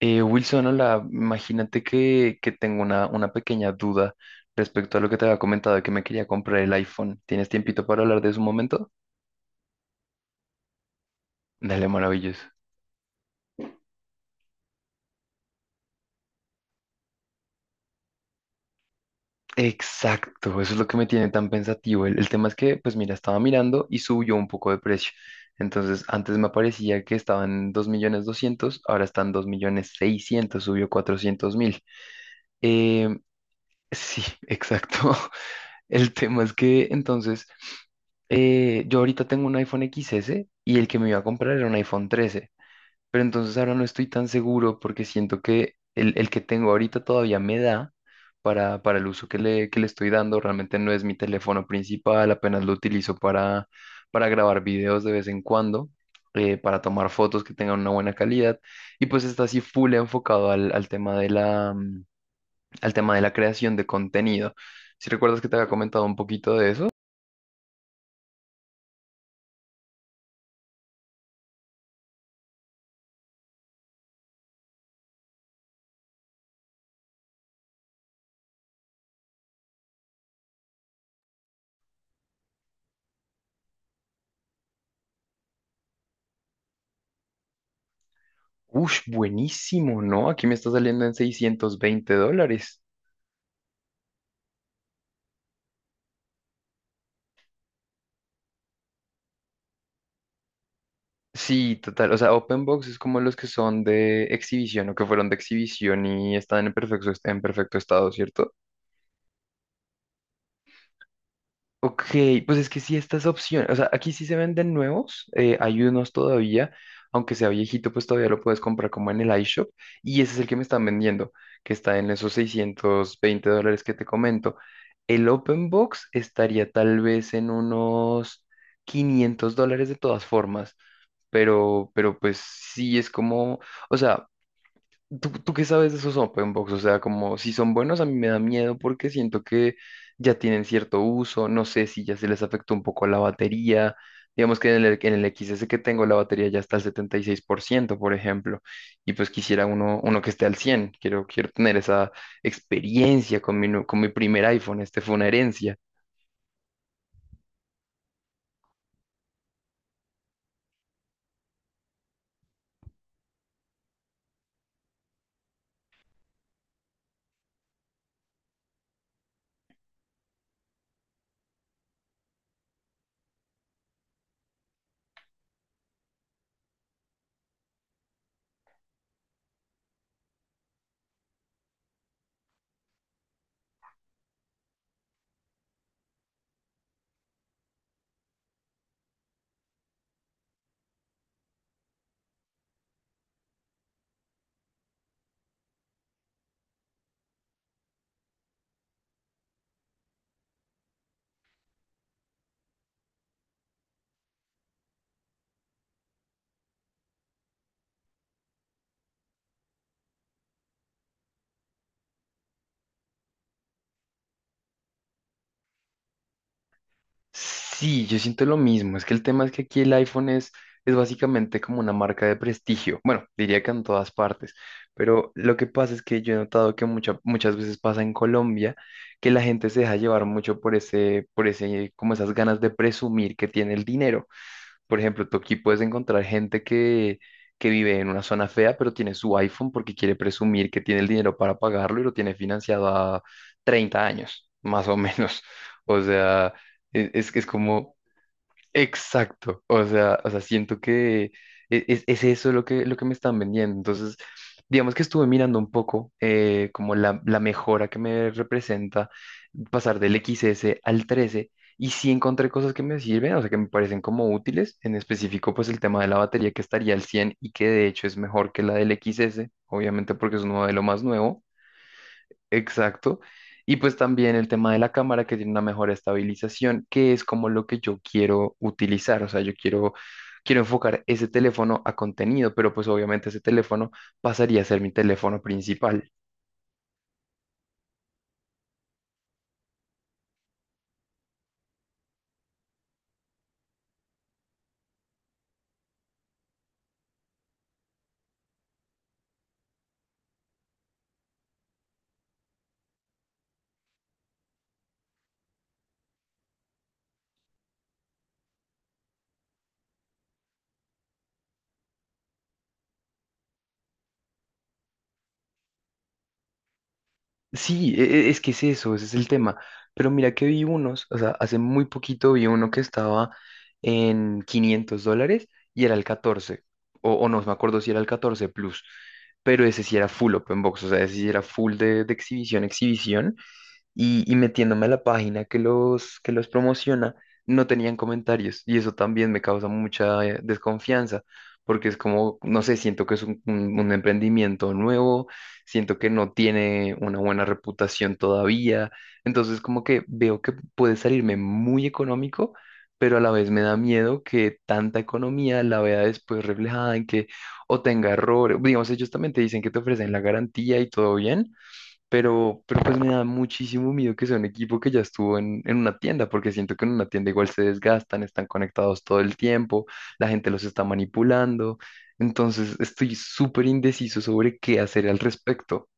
Wilson, hola, imagínate que tengo una pequeña duda respecto a lo que te había comentado de que me quería comprar el iPhone. ¿Tienes tiempito para hablar de eso un momento? Dale, maravilloso. Exacto, eso es lo que me tiene tan pensativo. El tema es que, pues mira, estaba mirando y subió un poco de precio. Entonces, antes me aparecía que estaban dos en 2.200.000, ahora están 2.600.000, subió 400.000. Eh, sí, exacto. El tema es que entonces yo ahorita tengo un iPhone XS y el que me iba a comprar era un iPhone 13, pero entonces ahora no estoy tan seguro porque siento que el que tengo ahorita todavía me da para el uso que que le estoy dando, realmente no es mi teléfono principal, apenas lo utilizo para grabar videos de vez en cuando, para tomar fotos que tengan una buena calidad, y pues está así full enfocado al tema de al tema de la creación de contenido. Si recuerdas que te había comentado un poquito de eso. Ush, buenísimo, ¿no? Aquí me está saliendo en $620. Sí, total. O sea, open box es como los que son de exhibición o que fueron de exhibición y están en perfecto estado, ¿cierto? Ok, pues es que sí, estas opciones, o sea, aquí sí se venden nuevos, hay unos todavía, aunque sea viejito, pues todavía lo puedes comprar como en el iShop, y ese es el que me están vendiendo, que está en esos $620 que te comento. El Open Box estaría tal vez en unos $500 de todas formas, pero pues sí es como, o sea, ¿Tú qué sabes de esos open box? O sea, como si son buenos, a mí me da miedo porque siento que ya tienen cierto uso. No sé si ya se les afectó un poco la batería. Digamos que en el XS que tengo la batería ya está al 76%, por ciento por ejemplo. Y pues quisiera uno que esté al 100. Quiero tener esa experiencia con mi, con mi primer iPhone. Este fue una herencia. Sí, yo siento lo mismo. Es que el tema es que aquí el iPhone es básicamente como una marca de prestigio. Bueno, diría que en todas partes. Pero lo que pasa es que yo he notado que muchas veces pasa en Colombia que la gente se deja llevar mucho por ese, como esas ganas de presumir que tiene el dinero. Por ejemplo, tú aquí puedes encontrar gente que vive en una zona fea, pero tiene su iPhone porque quiere presumir que tiene el dinero para pagarlo y lo tiene financiado a 30 años, más o menos. O sea, es que es como, exacto, o sea, siento que es eso lo que me están vendiendo. Entonces, digamos que estuve mirando un poco como la mejora que me representa pasar del X S al 13 y sí encontré cosas que me sirven, o sea, que me parecen como útiles, en específico pues el tema de la batería que estaría al 100 y que de hecho es mejor que la del X S, obviamente porque es un modelo más nuevo. Exacto. Y pues también el tema de la cámara que tiene una mejor estabilización, que es como lo que yo quiero utilizar. O sea, quiero enfocar ese teléfono a contenido, pero pues obviamente ese teléfono pasaría a ser mi teléfono principal. Sí, es que es eso, ese es el tema. Pero mira que vi unos, o sea, hace muy poquito vi uno que estaba en $500 y era el 14 o no me acuerdo si era el 14 Plus, pero ese sí era full open box, o sea, ese sí era full de exhibición, exhibición. Y, y metiéndome a la página que que los promociona, no tenían comentarios y eso también me causa mucha desconfianza porque es como, no sé, siento que es un emprendimiento nuevo, siento que no tiene una buena reputación todavía, entonces como que veo que puede salirme muy económico. Pero a la vez me da miedo que tanta economía la vea después reflejada en que o tenga errores. Digamos, ellos también te dicen que te ofrecen la garantía y todo bien, pero pues me da muchísimo miedo que sea un equipo que ya estuvo en una tienda, porque siento que en una tienda igual se desgastan, están conectados todo el tiempo, la gente los está manipulando. Entonces estoy súper indeciso sobre qué hacer al respecto.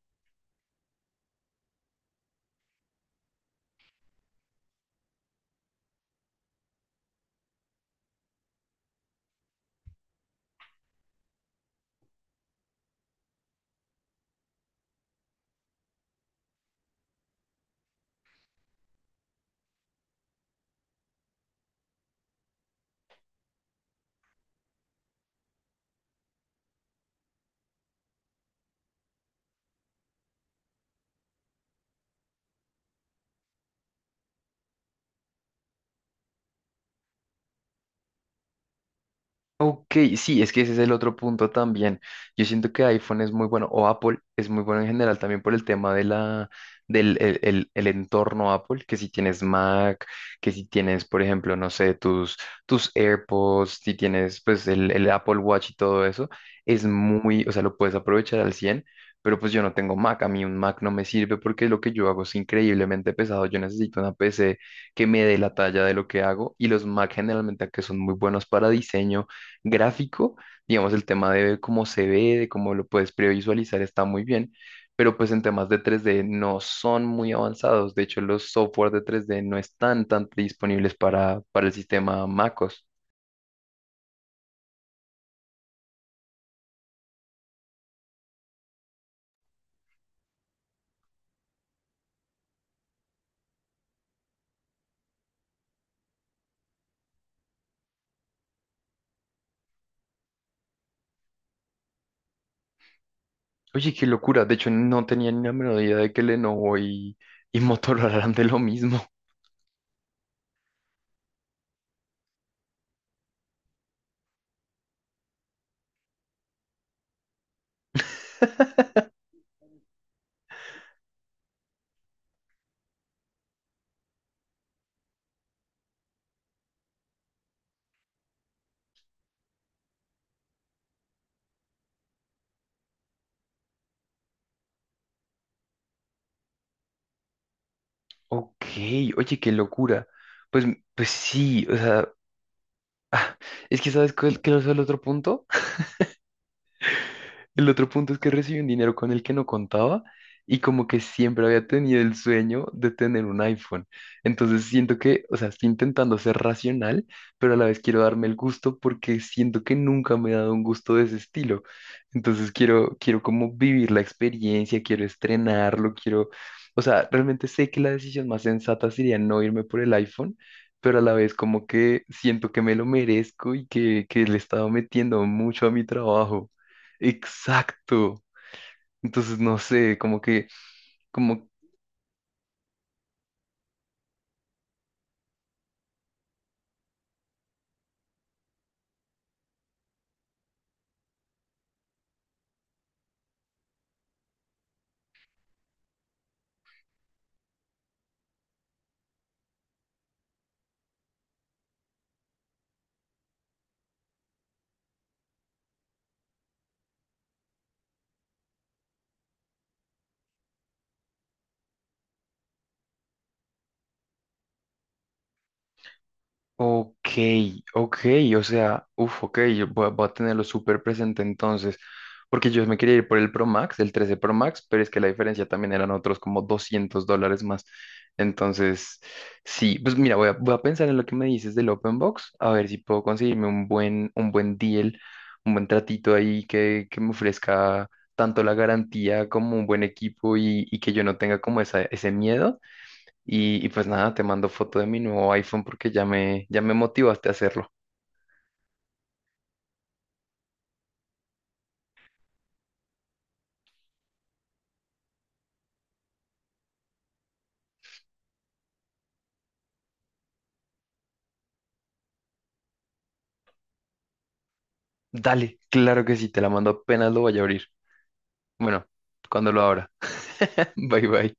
Ok, sí, es que ese es el otro punto también. Yo siento que iPhone es muy bueno, o Apple es muy bueno en general también por el tema de del el entorno Apple, que si tienes Mac, que si tienes, por ejemplo, no sé, tus AirPods, si tienes pues el Apple Watch y todo eso, es muy, o sea, lo puedes aprovechar al 100. Pero pues yo no tengo Mac, a mí un Mac no me sirve porque lo que yo hago es increíblemente pesado, yo necesito una PC que me dé la talla de lo que hago, y los Mac generalmente que son muy buenos para diseño gráfico, digamos, el tema de cómo se ve, de cómo lo puedes previsualizar está muy bien, pero pues en temas de 3D no son muy avanzados. De hecho, los software de 3D no están tan disponibles para el sistema MacOS. Oye, qué locura. De hecho, no tenía ni la menor idea de que Lenovo y Motorola eran de lo mismo. Ok, oye, qué locura. Pues, pues sí, o sea, es que sabes cuál qué es el otro punto. El otro punto es que recibí un dinero con el que no contaba y como que siempre había tenido el sueño de tener un iPhone. Entonces siento que, o sea, estoy intentando ser racional, pero a la vez quiero darme el gusto porque siento que nunca me he dado un gusto de ese estilo. Entonces quiero como vivir la experiencia, quiero estrenarlo, quiero, o sea, realmente sé que la decisión más sensata sería no irme por el iPhone. Pero a la vez como que siento que me lo merezco y que le he estado metiendo mucho a mi trabajo. Exacto. Entonces, no sé, como que, como, ok, ok, o sea, uff, ok, yo voy, a voy a tenerlo súper presente entonces, porque yo me quería ir por el Pro Max, el 13 Pro Max, pero es que la diferencia también eran otros como $200 más. Entonces, sí, pues mira, voy a pensar en lo que me dices del Open Box, a ver si puedo conseguirme un buen deal, un buen tratito ahí que me ofrezca tanto la garantía como un buen equipo y que yo no tenga como esa, ese miedo. Y pues nada, te mando foto de mi nuevo iPhone porque ya ya me motivaste a hacerlo. Dale, claro que sí, te la mando apenas lo vaya a abrir. Bueno, cuando lo abra. Bye bye.